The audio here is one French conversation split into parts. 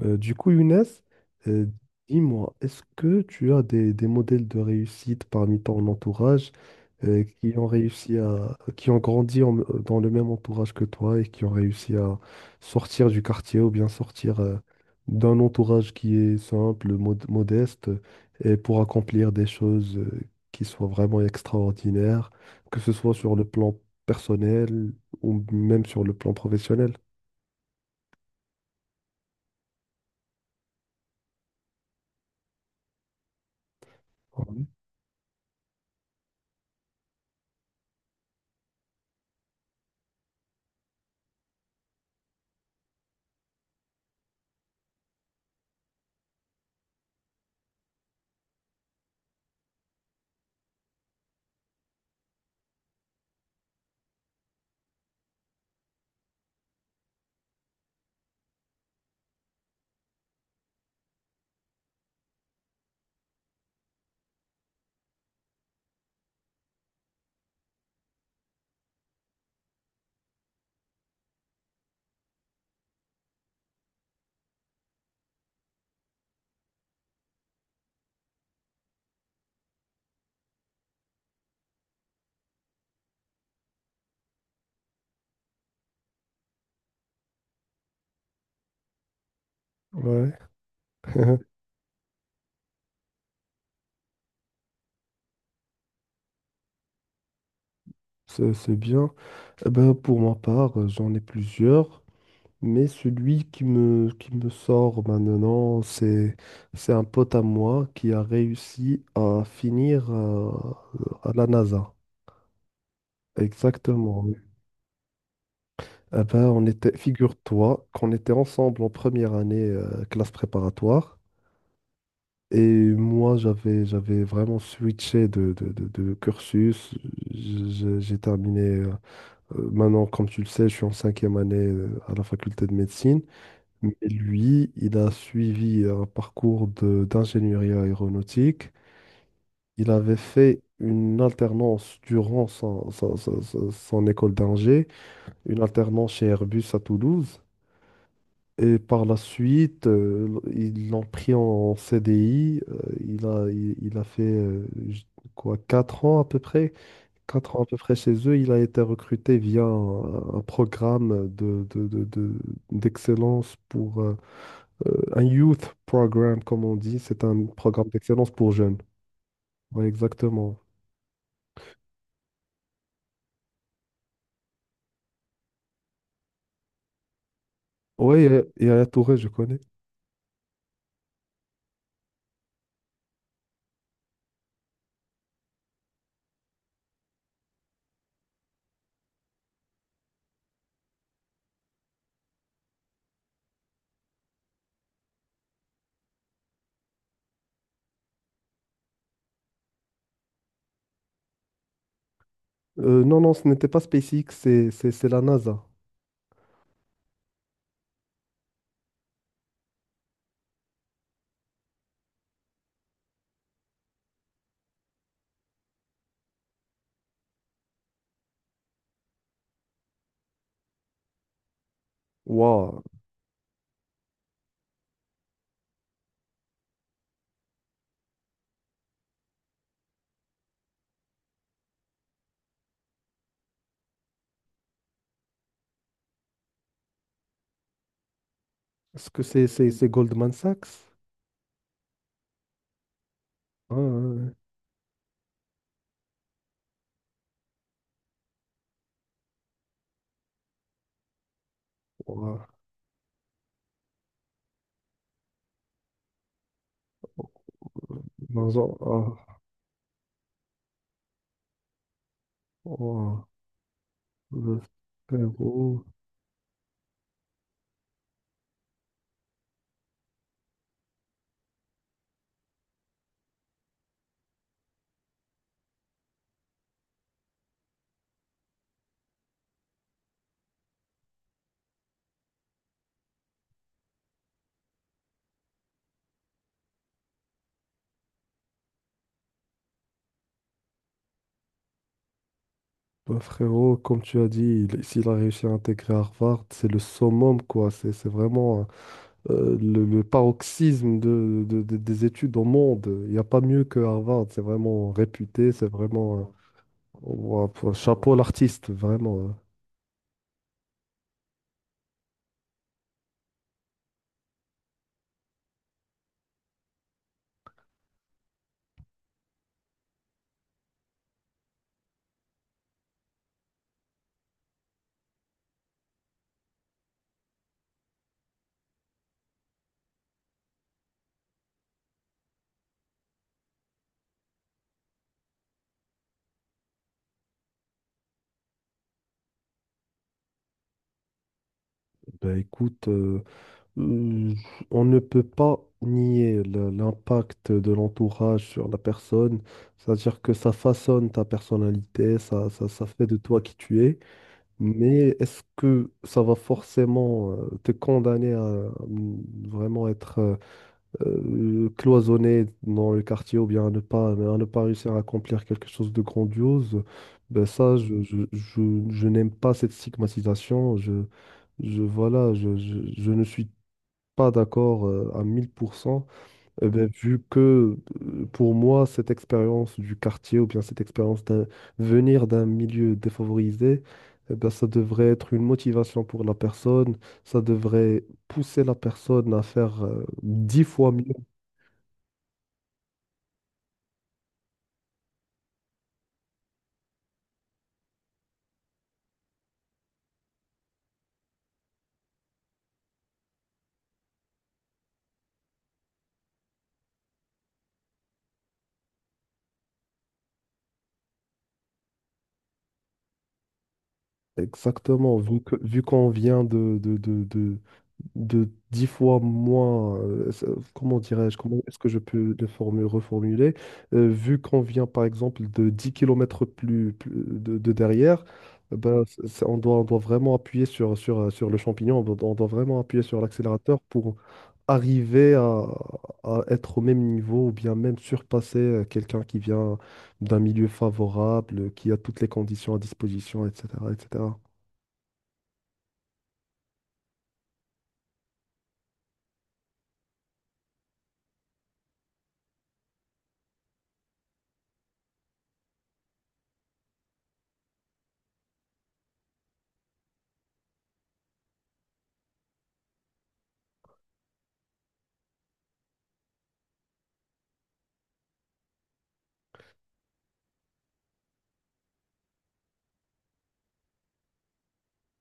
Du coup, Younes, euh, dis-moi, est-ce que tu as des modèles de réussite parmi ton entourage, qui ont réussi à, qui ont grandi en- dans le même entourage que toi et qui ont réussi à sortir du quartier ou bien sortir d'un entourage qui est simple, modeste, et pour accomplir des choses qui soient vraiment extraordinaires, que ce soit sur le plan personnel ou même sur le plan professionnel? Ouais. Ouais. C'est bien. Eh ben, pour ma part, j'en ai plusieurs, mais celui qui me sort maintenant, c'est un pote à moi qui a réussi à finir, à la NASA. Exactement. Oui. Eh ben, on était, figure-toi qu'on était ensemble en première année, classe préparatoire. Et moi, j'avais vraiment switché de cursus. J'ai terminé. Maintenant, comme tu le sais, je suis en cinquième année, à la faculté de médecine. Mais lui, il a suivi un parcours d'ingénierie aéronautique. Il avait fait une alternance durant son école d'ingé, une alternance chez Airbus à Toulouse. Et par la suite, ils l'ont pris en CDI. Il a fait quoi, 4 ans à peu près 4 ans à peu près chez eux. Il a été recruté via un programme d'excellence pour un youth program, comme on dit. C'est un programme d'excellence pour jeunes. Oui, exactement. Oui, et, à Touré, je connais. Non, non, ce n'était pas SpaceX, c'est la NASA. Waouh. Est-ce que c'est Goldman Sachs? Ah, ouais, ouais. Waouh. Dans un- ah, waouh. Le frérot. Bah, frérot, comme tu as dit, s'il a réussi à intégrer Harvard, c'est le summum, quoi. C'est vraiment, le paroxysme des études au monde. Il n'y a pas mieux que Harvard. C'est vraiment réputé, c'est vraiment, ouah, chapeau à l'artiste, vraiment. Hein. Bah, écoute, euh, on ne peut pas nier l'impact de l'entourage sur la personne. C'est-à-dire que ça façonne ta personnalité, ça fait de toi qui tu es. Mais est-ce que ça va forcément te condamner à vraiment être, cloisonné dans le quartier ou bien à ne pas réussir à accomplir quelque chose de grandiose? Ben ça, je n'aime pas cette stigmatisation. Voilà, je ne suis pas d'accord, à 1000%. Eh ben, vu que, pour moi, cette expérience du quartier ou bien cette expérience d'un venir d'un milieu défavorisé, eh ben, ça devrait être une motivation pour la personne, ça devrait pousser la personne à faire 10 fois mieux. Exactement, vu qu'on vient de 10 fois moins. Comment dirais-je, comment est-ce que je peux reformuler? Vu qu'on vient par exemple de 10 kilomètres plus, de derrière, ben, on doit, vraiment appuyer sur le champignon. On doit vraiment appuyer sur l'accélérateur pour arriver à être au même niveau ou bien même surpasser, quelqu'un qui vient d'un milieu favorable, qui a toutes les conditions à disposition, etc., etc.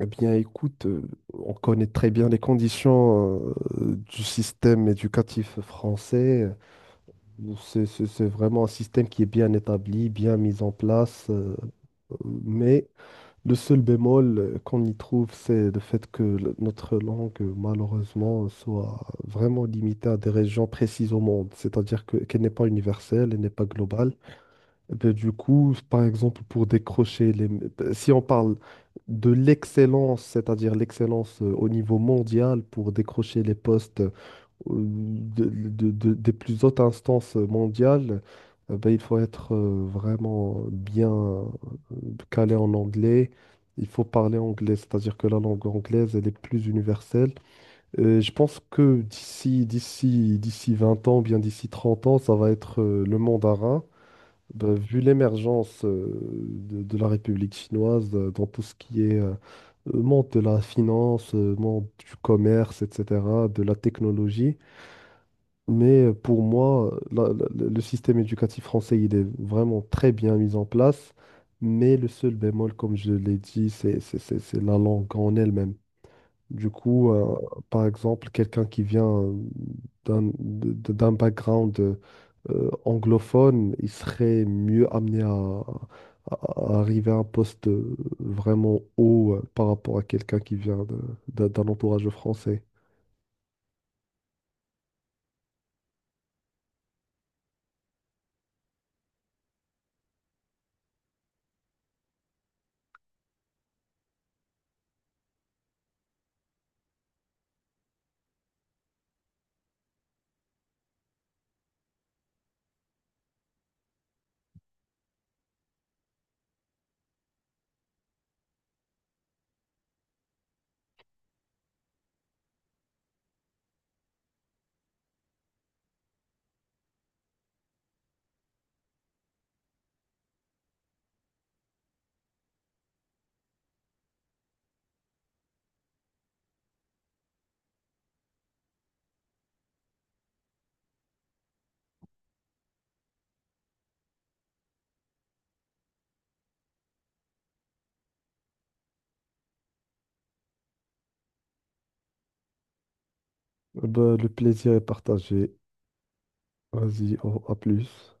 Eh bien, écoute, on connaît très bien les conditions, du système éducatif français. C'est vraiment un système qui est bien établi, bien mis en place. Euh, mais le seul bémol, qu'on y trouve, c'est le fait que notre langue, malheureusement, soit vraiment limitée à des régions précises au monde. C'est-à-dire qu'elle n'est pas universelle, elle n'est pas globale. Eh ben, du coup, par exemple, si on parle de l'excellence, c'est-à-dire l'excellence, au niveau mondial, pour décrocher les postes, des plus hautes instances mondiales, eh ben, il faut être, vraiment bien, calé en anglais. Il faut parler anglais, c'est-à-dire que la langue anglaise, elle est plus universelle. Je pense que d'ici 20 ans, bien d'ici 30 ans, ça va être, le mandarin. Bah, vu l'émergence, de la République chinoise, dans tout ce qui est, monde de la finance, monde du commerce, etc., de la technologie. Mais, pour moi, le système éducatif français, il est vraiment très bien mis en place. Mais le seul bémol, comme je l'ai dit, c'est la langue en elle-même. Du coup, par exemple, quelqu'un qui vient, d'un background, anglophone, il serait mieux amené à arriver à un poste, vraiment haut, par rapport à quelqu'un qui vient d'un entourage français. Eh ben, le plaisir est partagé. Vas-y, à plus.